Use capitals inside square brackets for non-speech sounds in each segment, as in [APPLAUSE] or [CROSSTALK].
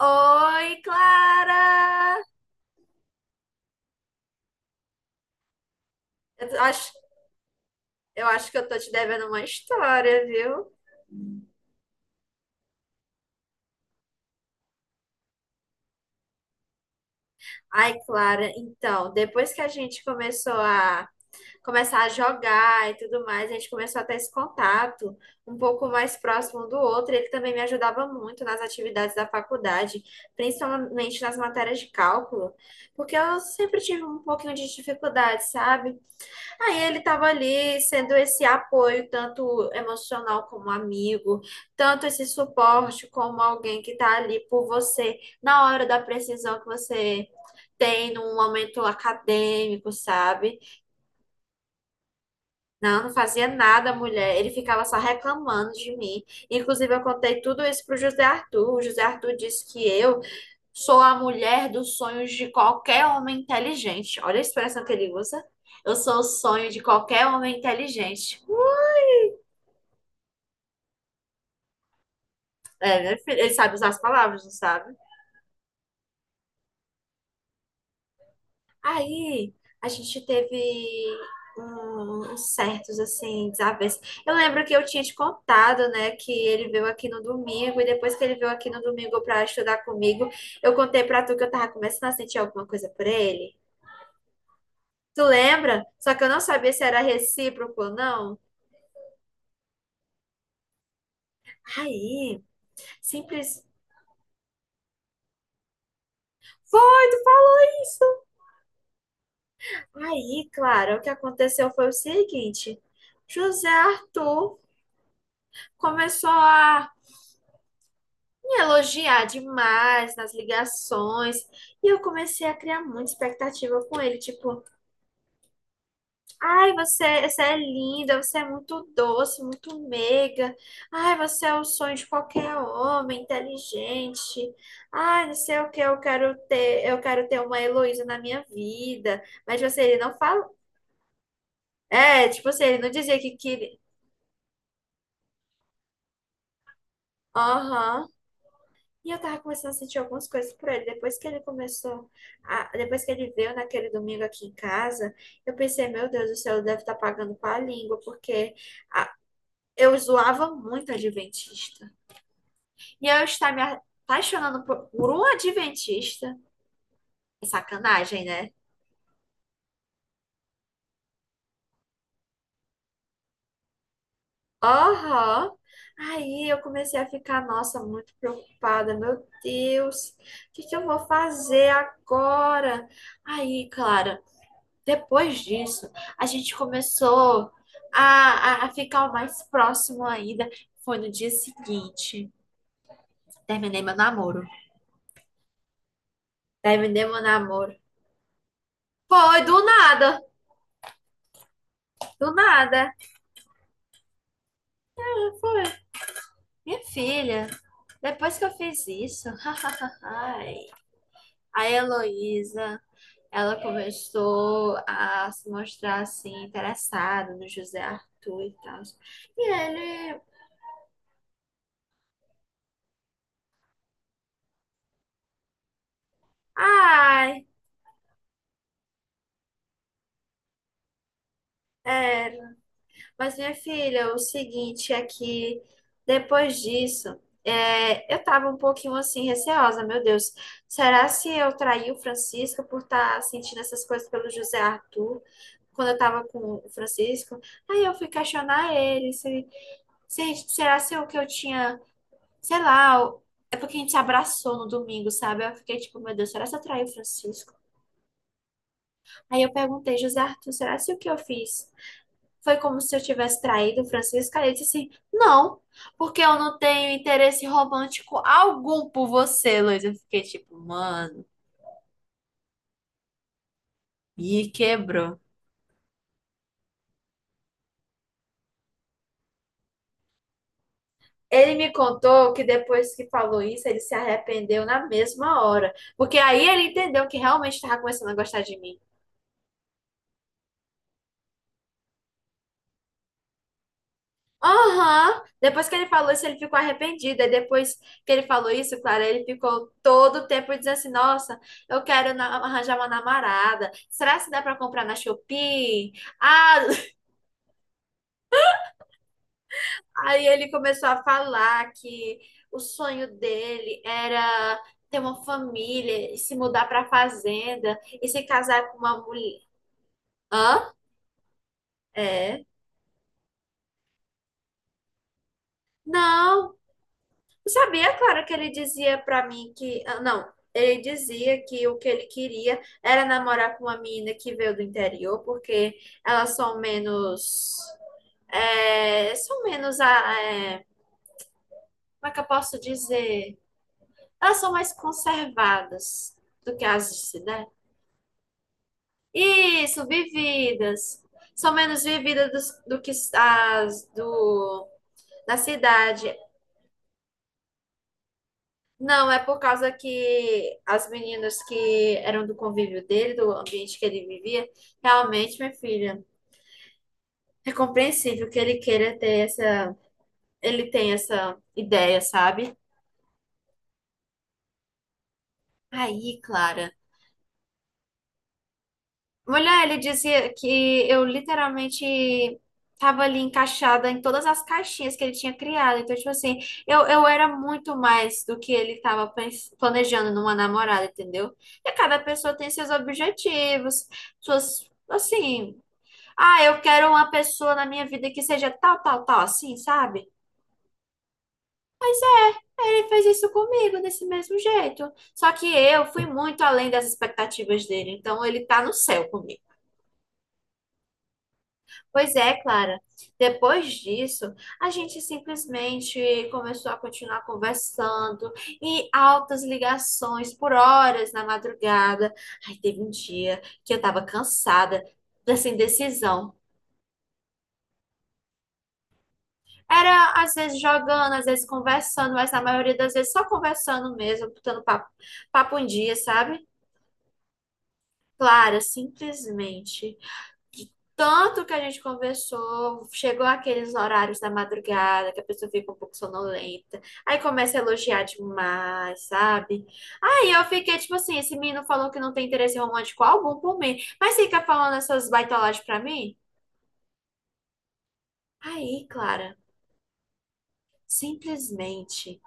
Oi, Clara! Eu acho, eu acho que eu tô te devendo uma história, viu? Ai, Clara, então, depois que a gente começou a começar a jogar e tudo mais, a gente começou a ter esse contato um pouco mais próximo um do outro. Ele também me ajudava muito nas atividades da faculdade, principalmente nas matérias de cálculo, porque eu sempre tive um pouquinho de dificuldade, sabe? Aí ele estava ali sendo esse apoio, tanto emocional como amigo, tanto esse suporte como alguém que está ali por você na hora da precisão que você tem num momento acadêmico, sabe? Não, não fazia nada, mulher. Ele ficava só reclamando de mim. Inclusive, eu contei tudo isso pro José Arthur. O José Arthur disse que eu sou a mulher dos sonhos de qualquer homem inteligente. Olha a expressão que ele usa. Eu sou o sonho de qualquer homem inteligente. É, né, filho? Ele sabe usar as palavras, não sabe? Aí a gente teve uns certos, assim, desavenças. Eu lembro que eu tinha te contado, né, que ele veio aqui no domingo, e depois que ele veio aqui no domingo pra estudar comigo, eu contei pra tu que eu tava começando a sentir alguma coisa por ele. Tu lembra? Só que eu não sabia se era recíproco ou não. Aí, simples. Aí, Clara, o que aconteceu foi o seguinte: José Arthur começou a me elogiar demais nas ligações. E eu comecei a criar muita expectativa com ele, tipo, ai, você é linda, você é muito doce, muito meiga. Ai, você é o sonho de qualquer homem, inteligente. Ai, não sei o que, eu quero ter uma Heloísa na minha vida. Mas tipo assim, ele não fala. É, tipo assim, ele não dizia que queria. Aham. E eu tava começando a sentir algumas coisas por ele. Depois que ele veio naquele domingo aqui em casa, eu pensei, meu Deus do céu, ele deve estar pagando com a língua, porque a- eu zoava muito adventista. E eu estar me apaixonando por um adventista. É sacanagem, né? Aham. Aí eu comecei a ficar, nossa, muito preocupada. Meu Deus, o que que eu vou fazer agora? Aí, claro. Depois disso, a gente começou a ficar mais próximo ainda. Foi no dia seguinte. Terminei meu namoro. Terminei meu namoro. Foi do nada. Do nada. Foi. Minha filha, depois que eu fiz isso, [LAUGHS] a Heloísa, ela começou a se mostrar assim, interessada no José Arthur e tal. E ele, ai, é, mas, minha filha, o seguinte é que depois disso, é, eu tava um pouquinho assim, receosa, meu Deus. Será se eu traí o Francisco por estar sentindo essas coisas pelo José Arthur, quando eu tava com o Francisco? Aí eu fui questionar ele, se, será se o que eu tinha, sei lá, é porque a gente se abraçou no domingo, sabe? Eu fiquei tipo, meu Deus, será se eu traí o Francisco? Aí eu perguntei, José Arthur, será se o que eu fiz? Foi como se eu tivesse traído Francisca. Ele disse assim: Não, porque eu não tenho interesse romântico algum por você, Luiz. Eu fiquei tipo, mano, me quebrou. Ele me contou que depois que falou isso, ele se arrependeu na mesma hora. Porque aí ele entendeu que realmente estava começando a gostar de mim. Aham. Depois que ele falou isso, ele ficou arrependido. E depois que ele falou isso, claro, ele ficou todo o tempo dizendo assim: Nossa, eu quero arranjar uma namorada. Será que dá para comprar na Shopee? Ah, [LAUGHS] aí ele começou a falar que o sonho dele era ter uma família, e se mudar para fazenda e se casar com uma mulher. Hã? É. Não. Sabia, claro que ele dizia pra mim que. Ah, não, ele dizia que o que ele queria era namorar com uma menina que veio do interior, porque elas são menos. É, são menos. Ah, é, como é que eu posso dizer? Elas são mais conservadas do que as de cidade. Isso, vividas. São menos vividas que as da cidade. Não, é por causa que as meninas que eram do convívio dele, do ambiente que ele vivia, realmente, minha filha, é compreensível que ele queira ter essa, ele tem essa ideia, sabe? Aí, Clara. Mulher, ele dizia que eu literalmente tava ali encaixada em todas as caixinhas que ele tinha criado. Então, tipo assim, eu era muito mais do que ele tava planejando numa namorada, entendeu? E cada pessoa tem seus objetivos, suas, assim. Ah, eu quero uma pessoa na minha vida que seja tal, tal, tal, assim, sabe? Ele fez isso comigo desse mesmo jeito. Só que eu fui muito além das expectativas dele, então ele tá no céu comigo. Pois é, Clara. Depois disso, a gente simplesmente começou a continuar conversando e altas ligações por horas na madrugada. Aí teve um dia que eu tava cansada dessa indecisão. Era às vezes jogando, às vezes conversando, mas na maioria das vezes só conversando mesmo, botando papo em dia, sabe? Clara, simplesmente. Tanto que a gente conversou, chegou aqueles horários da madrugada, que a pessoa fica um pouco sonolenta, aí começa a elogiar demais, sabe? Aí eu fiquei tipo assim: esse menino falou que não tem interesse romântico algum por mim, mas fica falando essas baitolagens pra mim? Aí, Clara, simplesmente.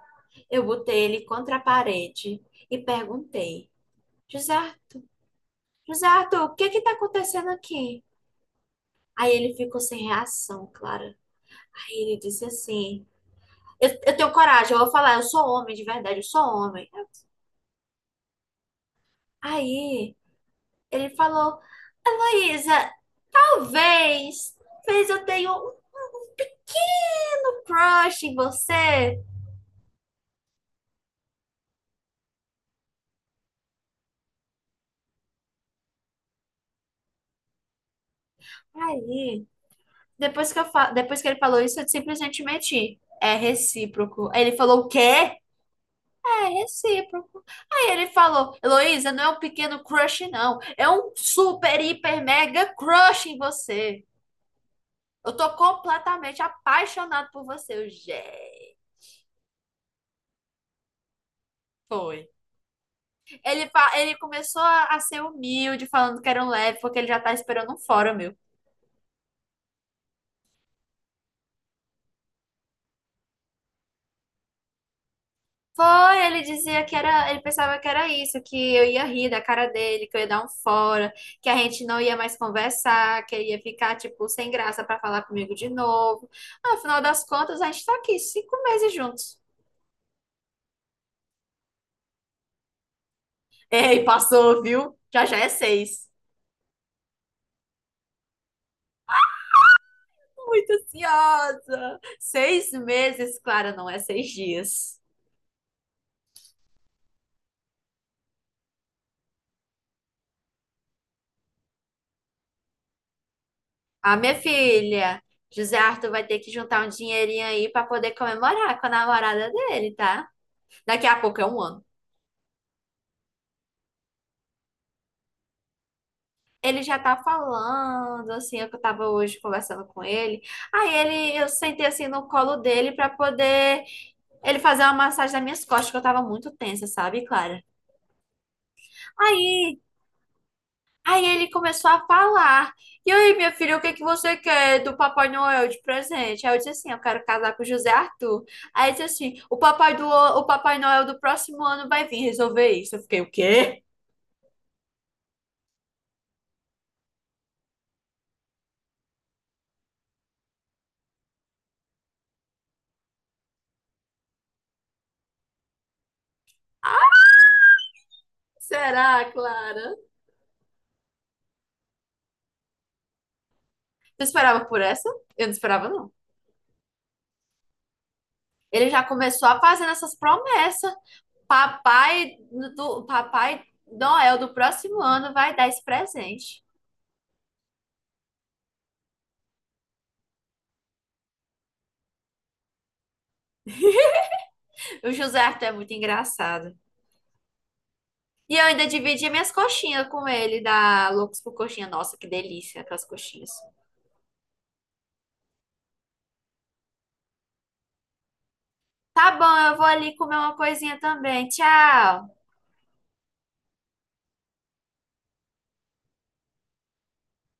Eu botei ele contra a parede e perguntei: José, Ar- José Arthur, o que é que tá acontecendo aqui? Aí ele ficou sem reação, Clara. Aí ele disse assim: Eu tenho coragem, eu vou falar, eu sou homem de verdade, eu sou homem. Aí ele falou: Heloísa, talvez, talvez eu tenha um pequeno crush em você. Aí, depois que, eu depois que ele falou isso, eu simplesmente menti. É recíproco. Aí ele falou: O quê? É recíproco. Aí ele falou: Heloísa, não é um pequeno crush, não. É um super, hiper, mega crush em você. Eu tô completamente apaixonado por você. Eu, gente. Foi. Ele, ele começou a ser humilde, falando que era um leve, porque ele já tá esperando um fórum meu. Foi, ele dizia que era, ele pensava que era isso, que eu ia rir da cara dele, que eu ia dar um fora, que a gente não ia mais conversar, que ele ia ficar, tipo, sem graça pra falar comigo de novo. Afinal das contas, a gente tá aqui 5 meses juntos. Ei, passou, viu? Já já é seis. Muito ansiosa. 6 meses, Clara, não é 6 dias. Ah, minha filha, José Arthur vai ter que juntar um dinheirinho aí pra poder comemorar com a namorada dele, tá? Daqui a pouco é um ano. Ele já tá falando, assim, eu que tava hoje conversando com ele. Aí ele, eu sentei assim no colo dele pra poder ele fazer uma massagem nas minhas costas, que eu tava muito tensa, sabe, Clara? Aí, aí ele começou a falar. E aí, minha filha, o que que você quer do Papai Noel de presente? Aí eu disse assim, eu quero casar com o José Arthur. Aí ele disse assim, o Papai Noel do próximo ano vai vir resolver isso. Eu fiquei, o quê? Será, Clara? Tu esperava por essa? Eu não esperava, não. Ele já começou a fazer essas promessas. Papai papai Noel do próximo ano vai dar esse presente. O José Arthur é muito engraçado. E eu ainda dividi minhas coxinhas com ele, da Loucos por Coxinha. Nossa, que delícia aquelas coxinhas. Tá bom, eu vou ali comer uma coisinha também. Tchau.